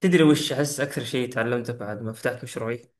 تدري وش أحس أكثر شيء تعلمته بعد ما فتحت مشروعي؟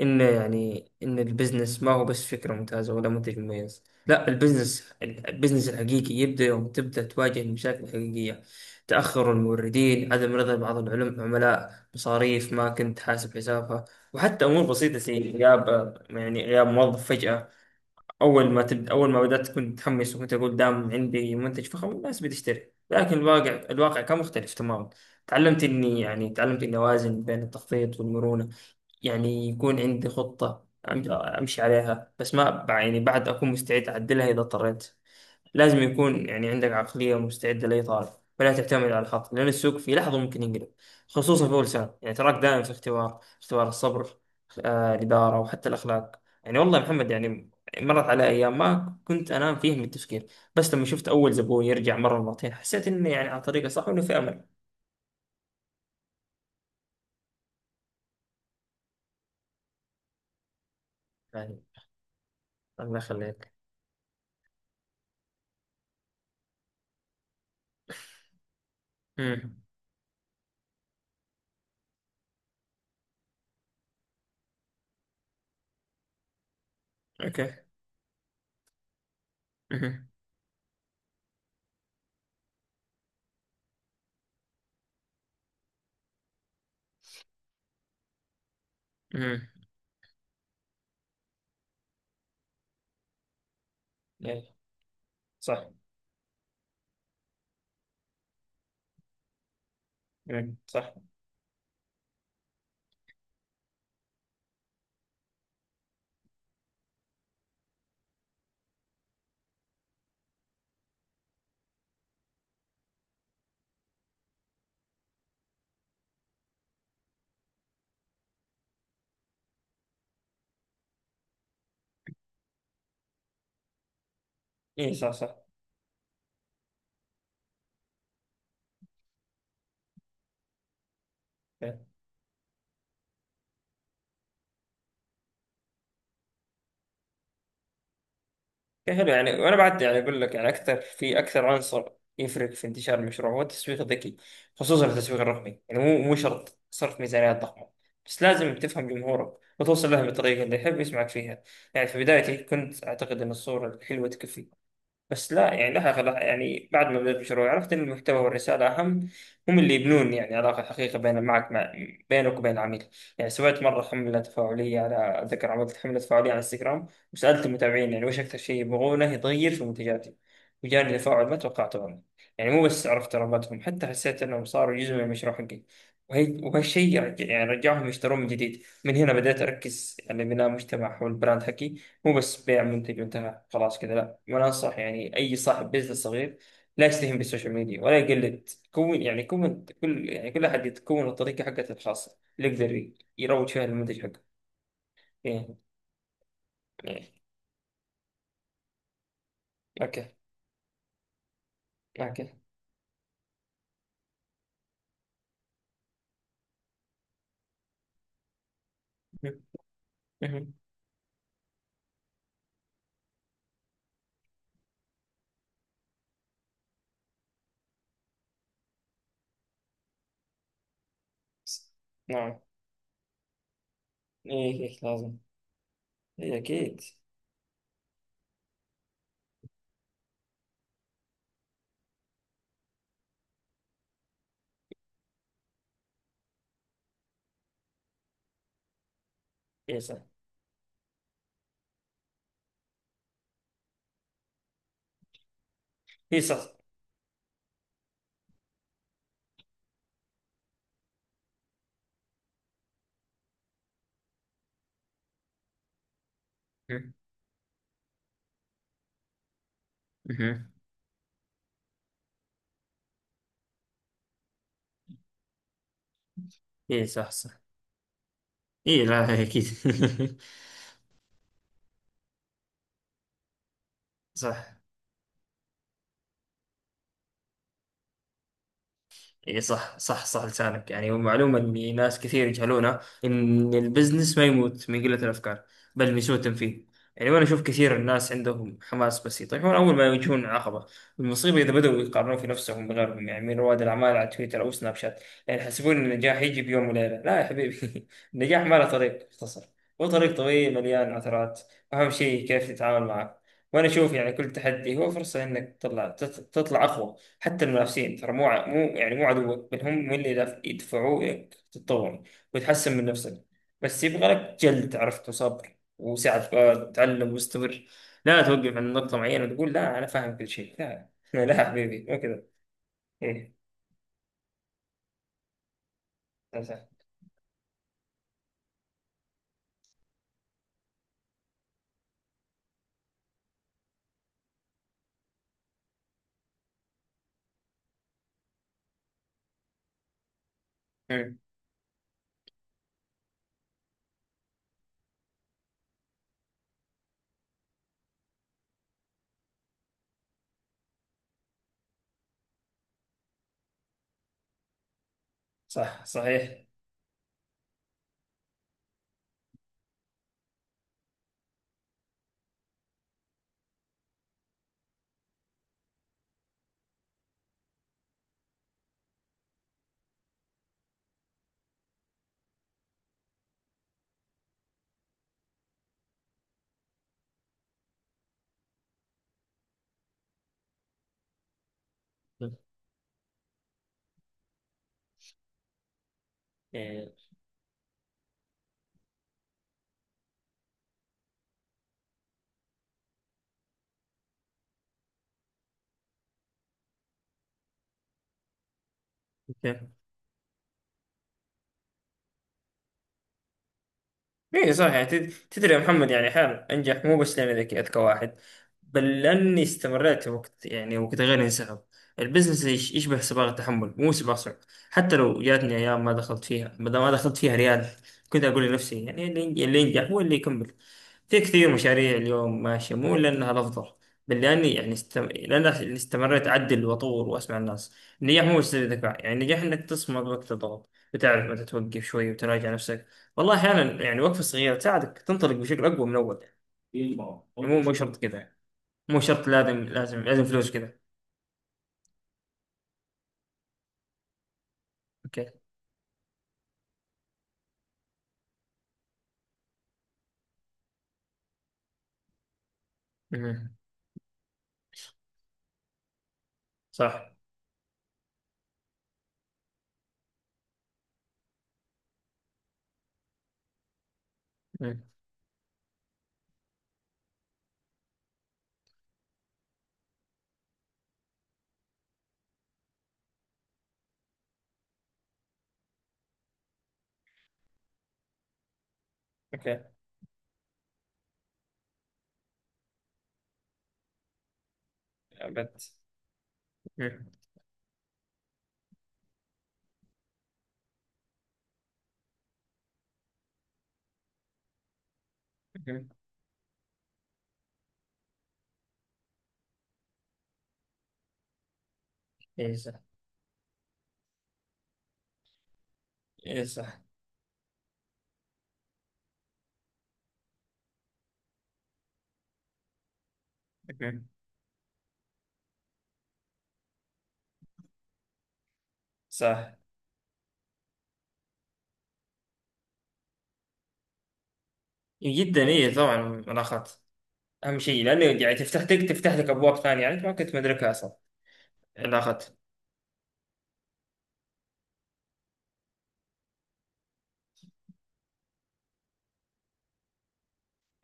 إن البزنس ما هو بس فكرة ممتازة ولا منتج مميز، لا، البزنس الحقيقي يبدأ يوم تبدأ تواجه المشاكل الحقيقية. تأخر الموردين، عدم رضا بعض العملاء، مصاريف ما كنت حاسب حسابها، وحتى أمور بسيطة زي غياب موظف فجأة. اول ما بدات كنت متحمس وكنت اقول دام عندي منتج فخم الناس بتشتري، لكن الواقع كان مختلف تماما. تعلمت اني اوازن بين التخطيط والمرونه، يعني يكون عندي خطه امشي عليها، بس ما يعني بعد اكون مستعد اعدلها اذا اضطريت. لازم يكون يعني عندك عقلية مستعدة لأي طالب، فلا تعتمد على الحظ لأن السوق في لحظة ممكن ينقلب. خصوصا في أول سنة يعني تراك دائم في اختبار الصبر. الإدارة وحتى الأخلاق، يعني والله يا محمد، يعني مرت على أيام ما كنت أنام فيه من التفكير. بس لما شفت أول زبون يرجع مرة مرتين حسيت إني يعني على طريقة صح وإنه في أمل. يعني. الله يخليك. امم. أوكي. امم. امم. يعني، صح. مم. صح. إيه، صح صح. حلو، يعني وانا بعد يعني اقول لك يعني اكثر عنصر يفرق في انتشار المشروع هو التسويق الذكي، خصوصا التسويق الرقمي. يعني مو شرط صرف ميزانيات ضخمه، بس لازم تفهم جمهورك وتوصل له بالطريقه اللي يحب يسمعك فيها. يعني في بدايتي كنت اعتقد ان الصوره الحلوه تكفي، بس لا، يعني بعد ما بدأت المشروع عرفت إن المحتوى والرسالة أهم. هم اللي يبنون يعني علاقة حقيقية بين معك مع بينك وبين العميل. يعني سويت مرة حملة تفاعلية على أتذكر عملت حملة تفاعلية على انستغرام وسألت المتابعين يعني وش أكثر شيء يبغونه يتغير في منتجاتي، وجاني تفاعل ما توقعته أنا. يعني مو بس عرفت رغبتهم، حتى حسيت إنهم صاروا جزء من المشروع حقي، وهالشيء رجعهم يشترون من جديد. من هنا بدأت أركز على بناء مجتمع حول البراند حقي، مو بس بيع منتج وانتهى خلاص كذا، لا. وانا انصح يعني اي صاحب بزنس صغير لا يستهين بالسوشيال ميديا، ولا يقلد، كون يعني كون كل احد يتكون الطريقه حقته الخاصه اللي يقدر يروج فيها للمنتج حقه. إيه. إيه. اوكي. اوكي. مهم. مهم. نعم. ايه. إيه، لازم. ايه اكيد. ايه صح. ايه صح. مهم. مهم. ايه صح صح. ايه، لا، إيه، اكيد. صح. اي صح صح صح، لسانك. يعني معلومة ان ناس كثير يجهلونها، ان البزنس ما يموت من قلة الافكار بل من سوء التنفيذ. يعني وانا اشوف كثير الناس عندهم حماس بس يطيحون اول ما يواجهون عقبة. المصيبة اذا بدأوا يقارنون في نفسهم بغيرهم، يعني من رواد الاعمال على تويتر او سناب شات، يعني يحسبون ان النجاح يجي بيوم وليلة. لا يا حبيبي النجاح ما له طريق مختصر، وطريق طويل مليان عثرات. اهم شيء كيف تتعامل معه. وانا اشوف يعني كل تحدي هو فرصة انك تطلع، تطلع اقوى. حتى المنافسين، ترى مو مو عدوك، بل هم من اللي يدفعوك تتطور وتحسن من نفسك. بس يبغى لك جلد، عرفت، وصبر وسعة فؤاد، وتعلم واستمر. لا توقف عند نقطة معينة وتقول لا أنا فاهم كل شيء، لا لا حبيبي، مو كذا. إيه. صح صح. مم. صح، صحيح. إيه. اي صح، يعني تدري يا محمد، يعني احيانا انجح مو بس لاني ذكي اذكى واحد، بل لاني استمريت وقت غير انسحب. البزنس يشبه سباق التحمل، مو سباق صعب. حتى لو جاتني ايام ما دخلت فيها بدل ما دخلت فيها ريال، كنت اقول لنفسي يعني اللي ينجح هو اللي يكمل. في كثير مشاريع اليوم ماشيه مو لانها الافضل، بل لاني استمريت اعدل واطور واسمع الناس. النجاح مو بس الذكاء، يعني النجاح انك تصمد وقت الضغط وتعرف متى توقف شوي وتراجع نفسك. والله احيانا يعني وقفه صغيره تساعدك تنطلق بشكل اقوى من اول، يعني. يعني مو شرط كذا، يعني. مو شرط لازم لازم لازم فلوس كذا. اوكي. مم. صح. مم. اوكي. ابد. مم. مم. اي صح. اي صح. مم. صح. جدا، اي طبعا. الاخت. اهم شيء، لانه يعني تفتح لك ابواب ثانيه، يعني انت ما كنت مدركها اصلا. الاخت.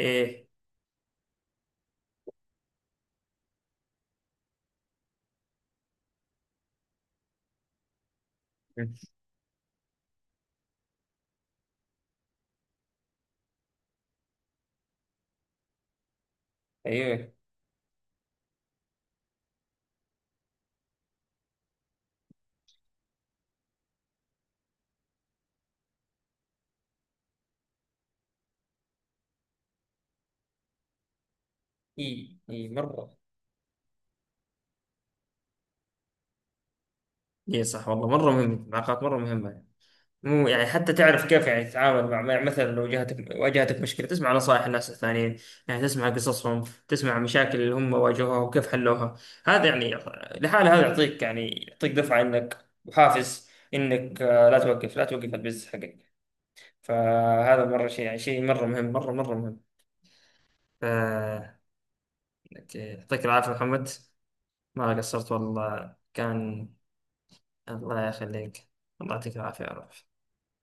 ايه. مم. ايوه. اي مره. اي صح، والله مره مهم، العلاقات مره مهمه. مو يعني، حتى تعرف كيف يعني تتعامل مثلا لو جاتك واجهتك مشكلة تسمع نصائح الناس الثانيين، يعني تسمع قصصهم، تسمع مشاكل اللي هم واجهوها وكيف حلوها. هذا يعني لحاله هذا يعطيك يعني يعطيك دفعة انك وحافز انك، لا توقف، لا توقف البزنس حقك. فهذا مرة شيء، يعني شيء مرة مهم، مرة مرة مهم. ف- أوكي. يعطيك العافية محمد، ما قصرت والله، كان. الله يخليك. الله يعطيك العافية يا رب.